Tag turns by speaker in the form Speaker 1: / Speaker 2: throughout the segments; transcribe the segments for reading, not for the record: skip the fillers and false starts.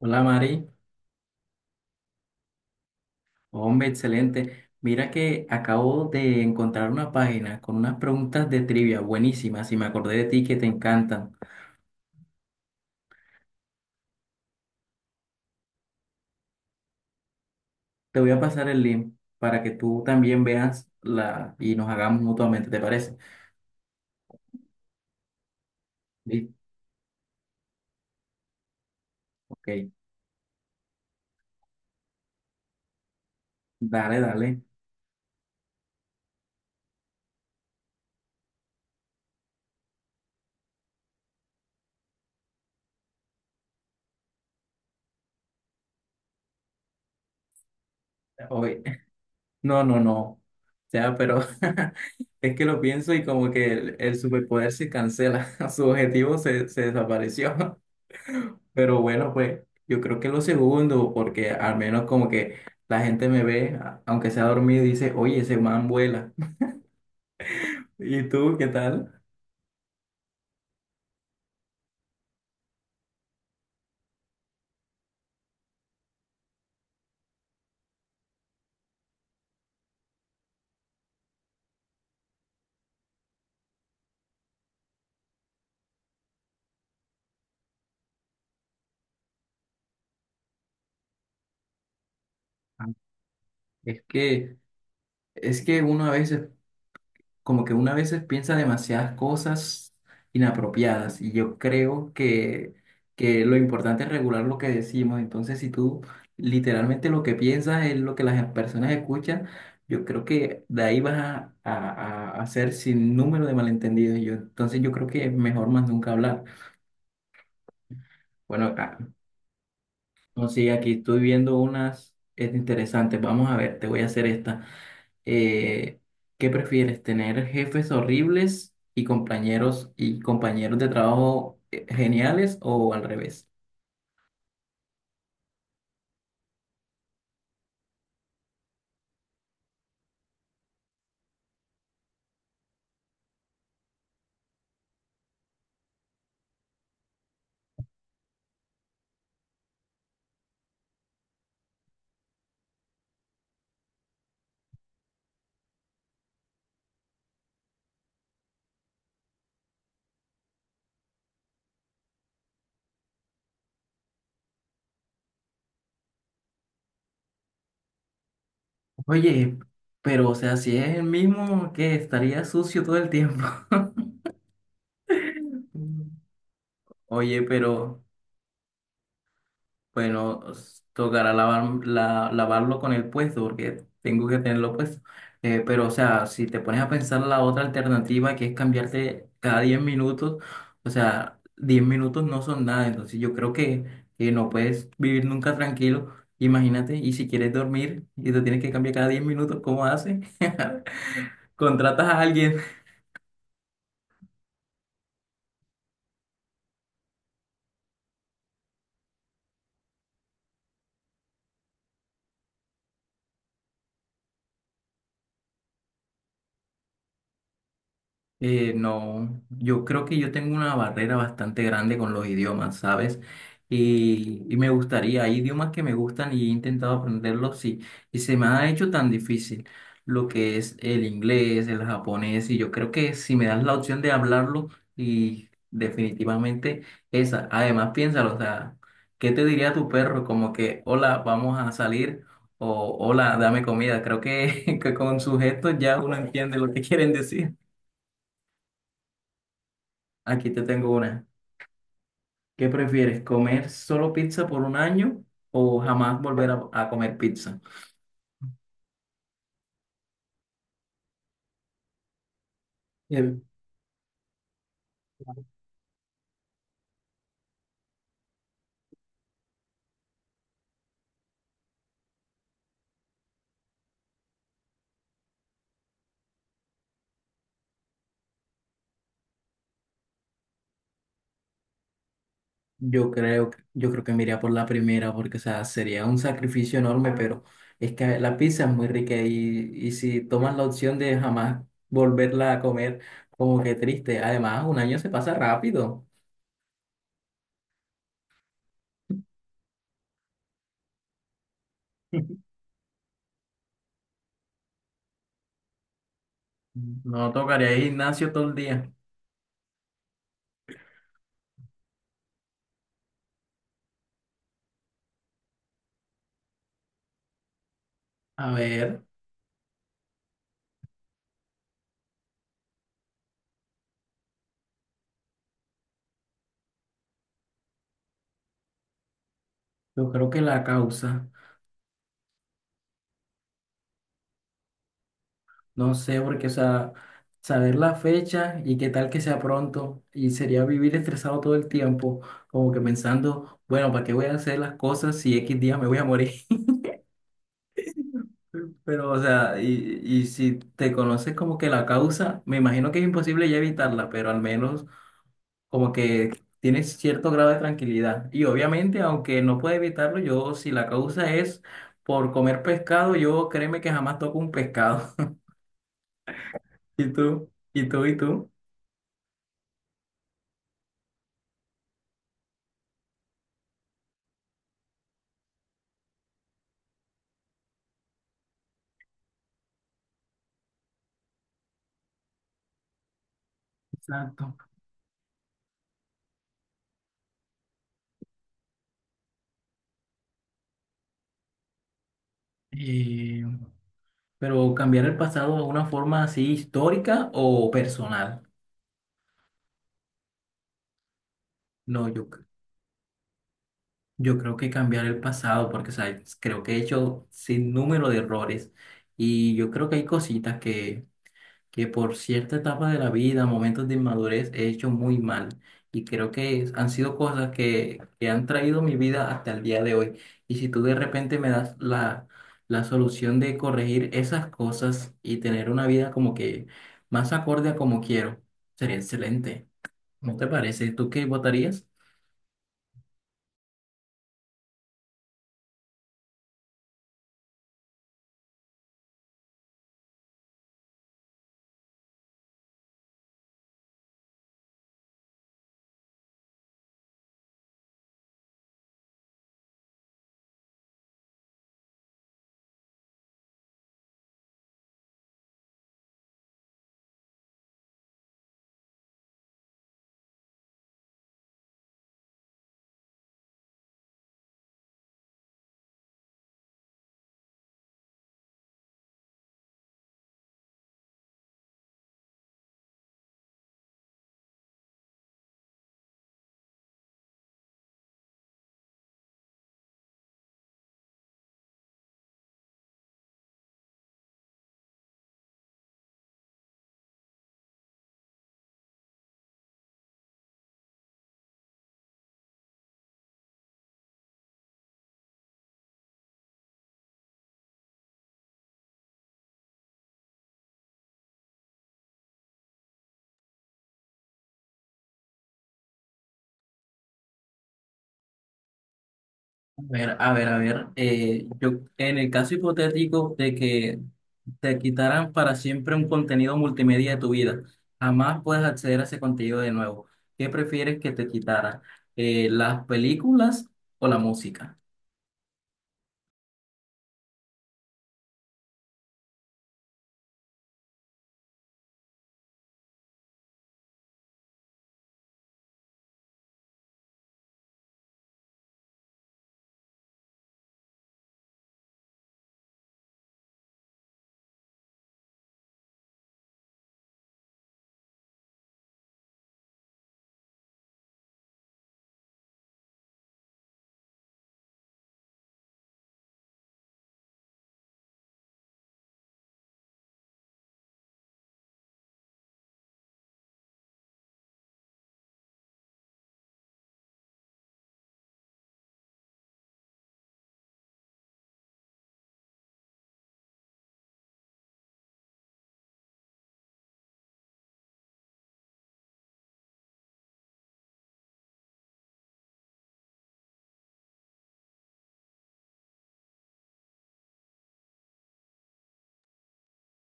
Speaker 1: Hola Mari, hombre, excelente. Mira que acabo de encontrar una página con unas preguntas de trivia buenísimas y me acordé de ti que te encantan. Te voy a pasar el link para que tú también veas la y nos hagamos mutuamente, ¿te parece? Sí, ok. Dale, dale. Oye, no, no, no. O sea, pero es que lo pienso y como que el superpoder se cancela, su objetivo se desapareció. Pero bueno, pues yo creo que lo segundo, porque al menos como que la gente me ve, a- aunque sea dormido, y dice, oye, ese man vuela. ¿Y tú qué tal? Ah, Es que, es que uno a veces como que una a veces piensa demasiadas cosas inapropiadas y yo creo que lo importante es regular lo que decimos. Entonces, si tú literalmente lo que piensas es lo que las personas escuchan, yo creo que de ahí vas a hacer sin número de malentendidos. Yo, entonces, yo creo que es mejor más nunca hablar. Bueno, acá, no, sí, aquí estoy viendo unas es interesantes. Vamos a ver, te voy a hacer esta. eh, ¿Qué prefieres? ¿Tener jefes horribles y compañeros de trabajo geniales o al revés? Oye, pero o sea, si es el mismo que estaría sucio todo el tiempo. Oye, pero bueno, s- tocará lavar, la- lavarlo con el puesto porque tengo que tenerlo puesto. Pero, o sea, si te pones a pensar la otra alternativa que es cambiarte cada 10 minutos, o sea, 10 minutos no son nada. Entonces, yo creo que no puedes vivir nunca tranquilo. Imagínate, y si quieres dormir y te tienes que cambiar cada 10 minutos, ¿cómo haces? Contratas a alguien. No, yo creo que yo tengo una barrera bastante grande con los idiomas, ¿sabes? Y me gustaría, hay idiomas que me gustan y he intentado aprenderlos, sí, y se me ha hecho tan difícil lo que es el inglés, el japonés, y yo creo que si me das la opción de hablarlo, y definitivamente esa, además piénsalo, o sea, ¿qué te diría tu perro? Como que, hola, vamos a salir. O, hola, dame comida. Creo que, que con sus gestos ya uno entiende lo que quieren decir. Aquí te tengo una. ¿Qué prefieres, comer solo pizza por un año o jamás volver a comer pizza? Eh, Yo creo, que- yo creo que me iría por la primera porque, o sea, sería un sacrificio enorme, pero es que la pizza es muy rica y si tomas la opción de jamás volverla a comer, como que triste. Además, un año se pasa rápido. No tocaría ir al gimnasio todo el día. A ver, yo creo que la causa. No sé, porque, o sea, saber la fecha y qué tal que sea pronto, y sería vivir estresado todo el tiempo, como que pensando, bueno, ¿para qué voy a hacer las cosas si X día me voy a morir? Pero, o sea, y si te conoces como que la causa, me imagino que es imposible ya evitarla, pero al menos como que tienes cierto grado de tranquilidad. Y obviamente, aunque no pueda evitarlo, yo si la causa es por comer pescado, yo créeme que jamás toco un pescado. ¿Y tú? ¿Y tú? ¿Y tú? Exacto. Eh, pero cambiar el pasado de una forma así histórica o personal. No, yo, c- yo creo que cambiar el pasado, porque o sea, creo que he hecho sin número de errores y yo creo que hay cositas que por cierta etapa de la vida, momentos de inmadurez, he hecho muy mal. Y creo que es- han sido cosas que han traído mi vida hasta el día de hoy. Y si tú de repente me das la solución de corregir esas cosas y tener una vida como que más acorde a como quiero, sería excelente. ¿No te parece? ¿Tú qué votarías? Ver, a ver, a ver. Eh, yo, en el caso hipotético de que te quitaran para siempre un contenido multimedia de tu vida, jamás puedes acceder a ese contenido de nuevo. ¿Qué prefieres que te quitaran? ¿Las películas o la música?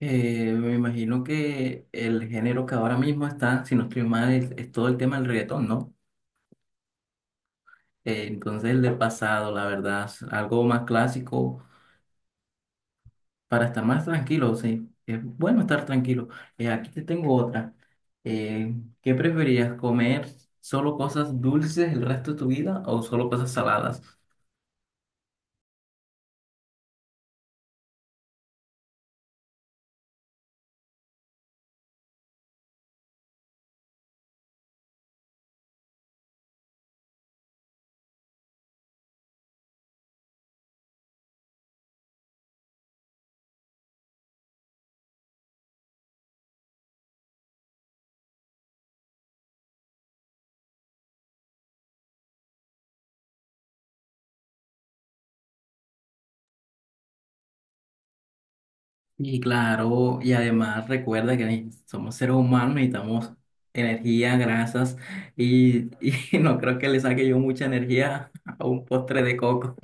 Speaker 1: Me imagino que el género que ahora mismo está, si no estoy mal, es todo el tema del reggaetón, ¿no? Entonces el del pasado, la verdad, es algo más clásico para estar más tranquilo, sí. Es bueno estar tranquilo. Aquí te tengo otra. Eh, ¿Qué preferirías, comer solo cosas dulces el resto de tu vida o solo cosas saladas? Y claro, y además recuerda que ne- somos seres humanos, necesitamos energía, grasas, y no creo que le saque yo mucha energía a un postre de coco.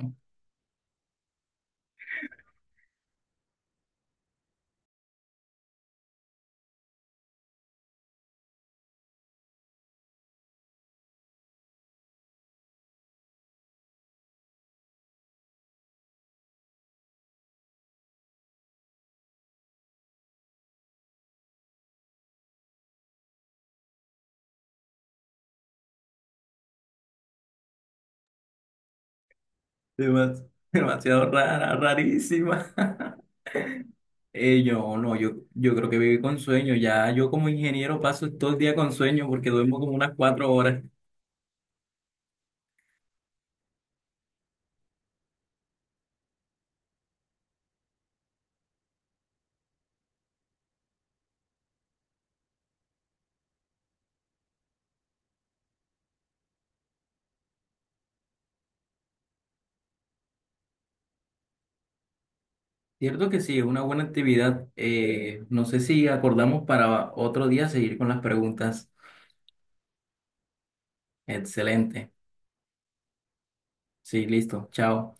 Speaker 1: Demas- demasiado rara, rarísima. Yo no, yo creo que viví con sueño. Ya yo como ingeniero paso todo el día con sueño porque duermo como unas 4 horas. Cierto que sí, es una buena actividad. No sé si acordamos para otro día seguir con las preguntas. Excelente. Sí, listo. Chao.